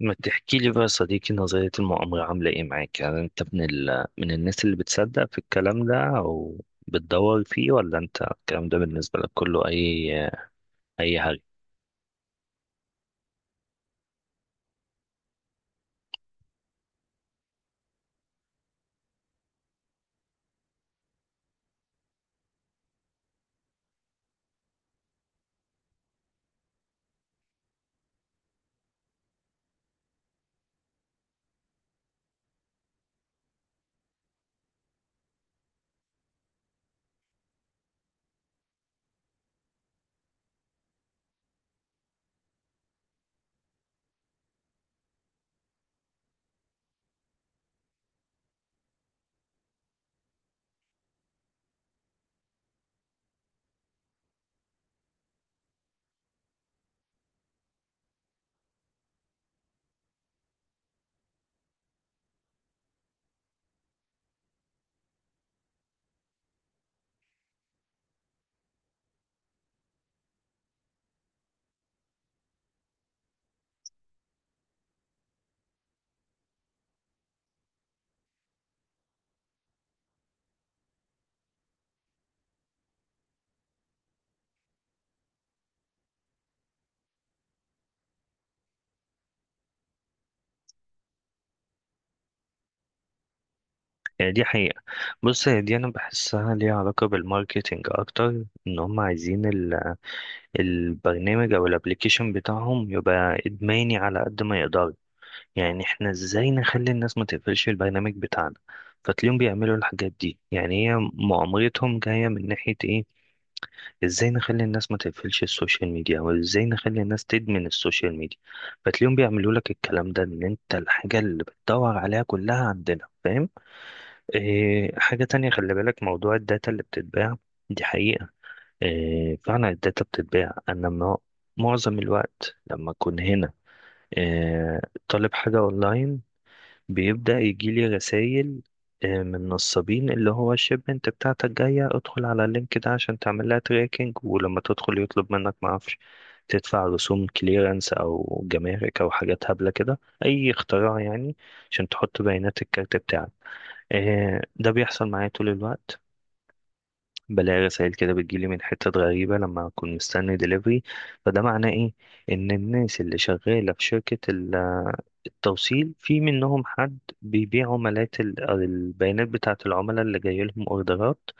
ما تحكي لي بقى يا صديقي، نظرية المؤامرة عاملة ايه معاك؟ يعني انت من الناس اللي بتصدق في الكلام ده او بتدور فيه، ولا انت الكلام ده بالنسبة لك كله اي اي حاجة؟ يعني دي حقيقة. بص، هي دي انا بحسها ليها علاقة بالماركتينج اكتر، ان هم عايزين ال... البرنامج او الابليكيشن بتاعهم يبقى ادماني على قد ما يقدر. يعني احنا ازاي نخلي الناس ما تقفلش البرنامج بتاعنا؟ فتلاقيهم بيعملوا الحاجات دي. يعني هي مؤامرتهم جاية من ناحية ايه؟ ازاي نخلي الناس ما تقفلش السوشيال ميديا، وازاي نخلي الناس تدمن السوشيال ميديا. فتلاقيهم بيعملوا لك الكلام ده، ان انت الحاجة اللي بتدور عليها كلها عندنا. فاهم؟ إيه حاجة تانية؟ خلي بالك موضوع الداتا اللي بتتباع، دي حقيقة. إيه، فعلا الداتا بتتباع. انا ما- معظم الوقت لما اكون هنا، إيه، طالب حاجة اونلاين، بيبدأ يجيلي رسائل من نصابين، اللي هو الشيب انت بتاعتك جاية، ادخل على اللينك ده عشان تعمل لها تراكنج، ولما تدخل يطلب منك معرفش تدفع رسوم كليرنس او جمارك او حاجات هبلة كده، اي اختراع يعني، عشان تحط بيانات الكارت بتاعك. ده بيحصل معايا طول الوقت. بلاقي رسائل كده بتجيلي من حتت غريبة لما أكون مستني دليفري. فده معناه إيه؟ إن الناس اللي شغالة في التوصيل في منهم حد بيبيع عملات البيانات بتاعة العملاء اللي جاي لهم أوردرات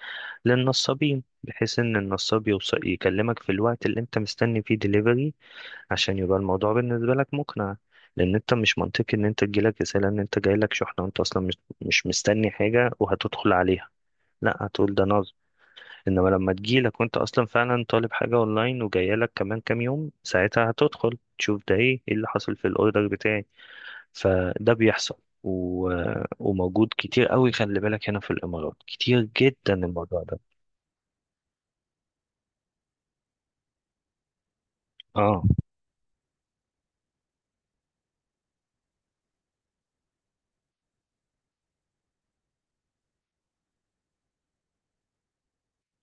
للنصابين، بحيث إن النصاب يوصل يكلمك في الوقت اللي أنت مستني فيه دليفري، عشان يبقى الموضوع بالنسبة لك مقنع. لأن أنت مش منطقي إن أنت تجيلك رسالة إن أنت جايلك شحنة وأنت أصلا مش مستني حاجة وهتدخل عليها. لا، هتقول ده أنا. انما لما تجيلك وانت اصلا فعلا طالب حاجه اونلاين وجايلك كمان كام يوم، ساعتها هتدخل تشوف ده ايه، ايه اللي حصل في الاوردر بتاعي. فده بيحصل. و... وموجود كتير قوي، خلي بالك، هنا في الامارات كتير جدا الموضوع ده. اه.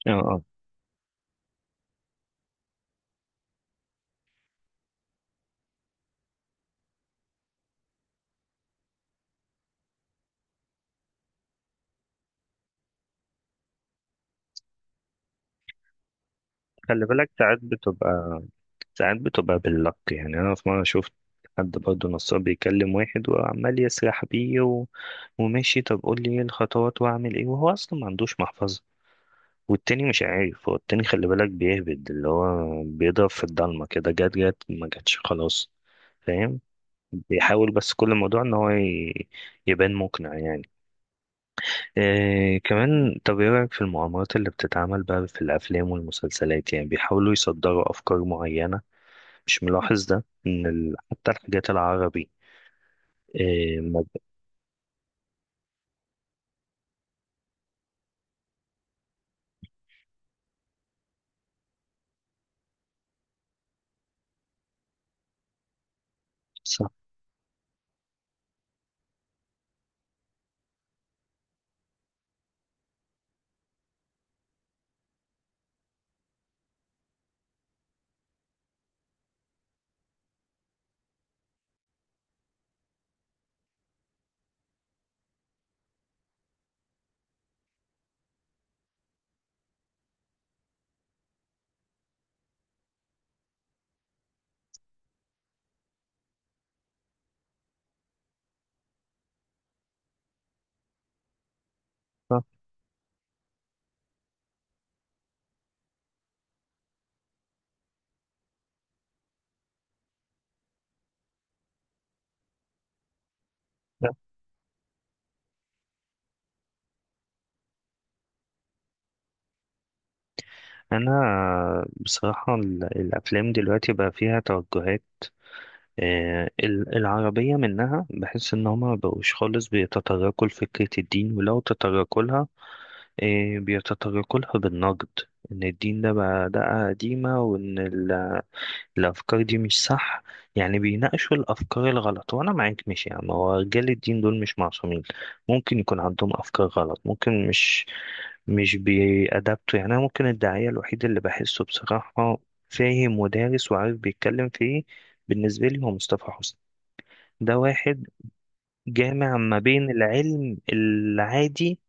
اه. اه، خلي بالك ساعات بتبقى، ساعات بتبقى باللك. يعني انا في مره شفت حد برضه نصاب بيكلم واحد وعمال يسرح بيه و... وماشي، طب قول لي ايه الخطوات واعمل ايه، وهو اصلا ما عندوش محفظه. والتاني مش عارف، هو التاني خلي بالك بيهبد، اللي هو بيضرب في الضلمة كده، جت جت، ما جاتش خلاص. فاهم؟ بيحاول بس. كل الموضوع ان يبان مقنع يعني. إيه كمان؟ طب ايه رأيك في المؤامرات اللي بتتعمل بقى في الافلام والمسلسلات؟ يعني بيحاولوا يصدروا افكار معينة. مش ملاحظ ده، ان حتى الحاجات العربي؟ إيه ما صح. انا بصراحة الافلام دلوقتي بقى فيها توجهات. العربية منها بحس إن هما مبقوش خالص بيتطرقوا لفكرة الدين، ولو تطرقوا لها بيتطرقوا لها بالنقد. إن الدين ده بقى ده قديمة، وإن الأفكار دي مش صح. يعني بيناقشوا الأفكار الغلط. وأنا معاك، مش يعني، هو رجال الدين دول مش معصومين، ممكن يكون عندهم أفكار غلط، ممكن مش بيأدبتوا. يعني أنا ممكن الداعية الوحيد اللي بحسه بصراحة فاهم ودارس وعارف بيتكلم في إيه، بالنسبة لي هو مصطفى حسني. ده واحد جامع ما بين العلم العادي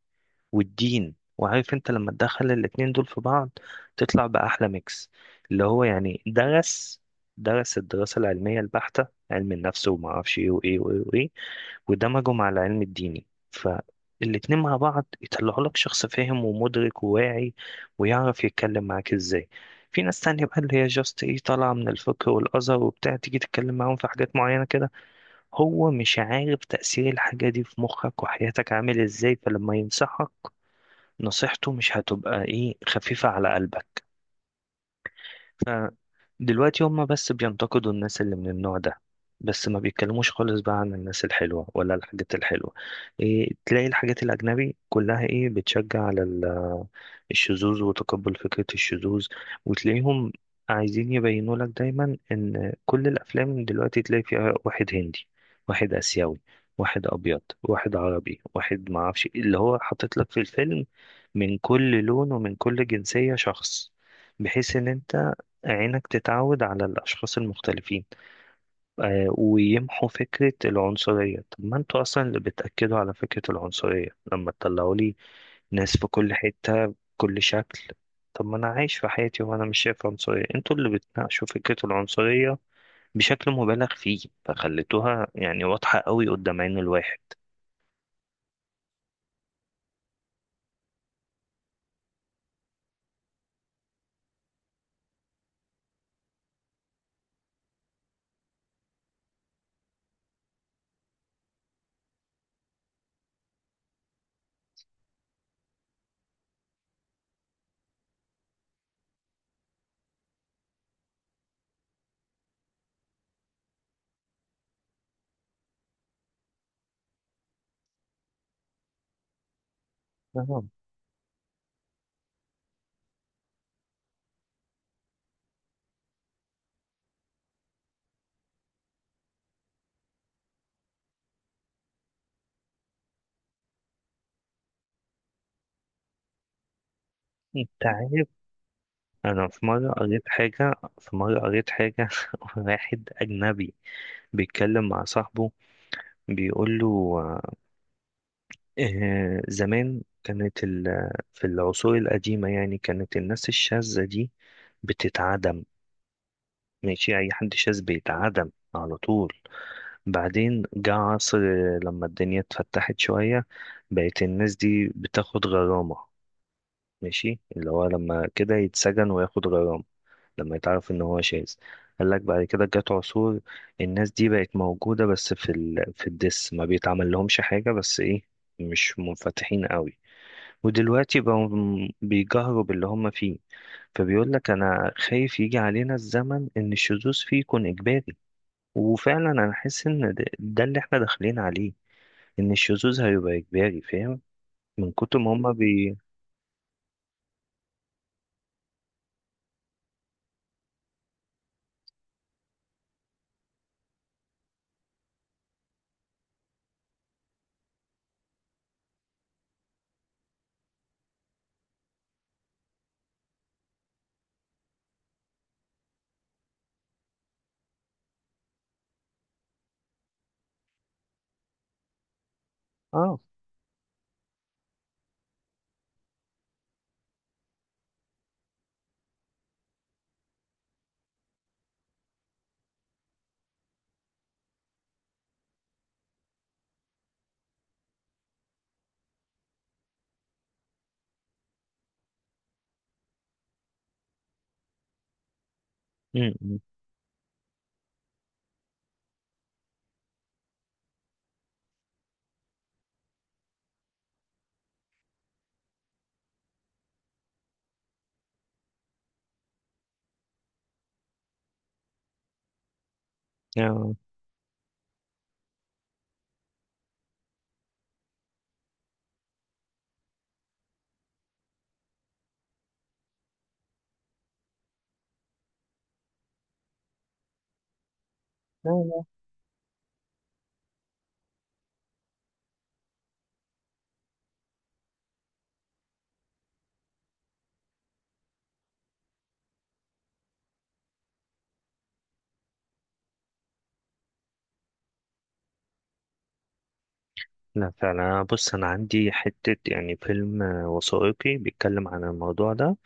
والدين. وعارف انت لما تدخل الاتنين دول في بعض تطلع بأحلى ميكس، اللي هو يعني درس الدراسة العلمية البحتة، علم النفس وما اعرفش ايه وايه وايه وايه، ودمجه مع العلم الديني. فالاتنين مع بعض يطلعوا لك شخص فاهم ومدرك وواعي، ويعرف يتكلم معاك ازاي. في ناس تانية بقى اللي هي جاست ايه، طالعة من الفقه والأزهر وبتاع، تيجي تتكلم معاهم في حاجات معينة كده هو مش عارف تأثير الحاجة دي في مخك وحياتك عامل ازاي، فلما ينصحك نصيحته مش هتبقى ايه، خفيفة على قلبك. فدلوقتي هم بس بينتقدوا الناس اللي من النوع ده، بس ما بيتكلموش خالص بقى عن الناس الحلوة ولا الحاجات الحلوة. إيه، تلاقي الحاجات الأجنبي كلها إيه، بتشجع على الشذوذ وتقبل فكرة الشذوذ. وتلاقيهم عايزين يبينوا لك دايما إن كل الأفلام دلوقتي تلاقي فيها واحد هندي، واحد آسيوي، واحد أبيض، واحد عربي، واحد معرفش إيه، اللي هو حاطط لك في الفيلم من كل لون ومن كل جنسية شخص، بحيث ان انت عينك تتعود على الأشخاص المختلفين، آه، ويمحوا فكرة العنصرية. طب ما انتوا أصلا اللي بتأكدوا على فكرة العنصرية لما تطلعوا لي ناس في كل حتة بكل شكل. طب ما أنا عايش في حياتي وأنا مش شايف عنصرية، انتوا اللي بتناقشوا فكرة العنصرية بشكل مبالغ فيه، فخليتوها يعني واضحة قوي قدام عين الواحد. تمام. انت عارف، انا في مره قريت حاجه، واحد اجنبي بيتكلم مع صاحبه بيقول له، زمان كانت ال... في العصور القديمة يعني كانت الناس الشاذة دي بتتعدم، ماشي، أي حد شاذ بيتعدم على طول. بعدين جه عصر، لما الدنيا اتفتحت شوية بقت الناس دي بتاخد غرامة، ماشي، اللي هو لما كده يتسجن وياخد غرامة لما يتعرف إن هو شاذ. قالك بعد كده جت عصور الناس دي بقت موجودة بس في ال... في الدس، ما بيتعمل لهمش حاجة بس إيه، مش منفتحين قوي. ودلوقتي بقوا بيجهروا باللي هم فيه. فبيقول لك انا خايف يجي علينا الزمن ان الشذوذ فيه يكون اجباري. وفعلا انا حاسس ان ده اللي احنا داخلين عليه، ان الشذوذ هيبقى اجباري. فاهم؟ من كتر ما هم بي. اه. م- م. آه. لا لا فعلا. بص، انا عندي حتة يعني فيلم وثائقي بيتكلم عن الموضوع ده،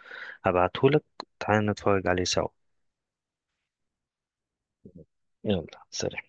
هبعتهولك، تعالى نتفرج عليه سوا. يلا سلام.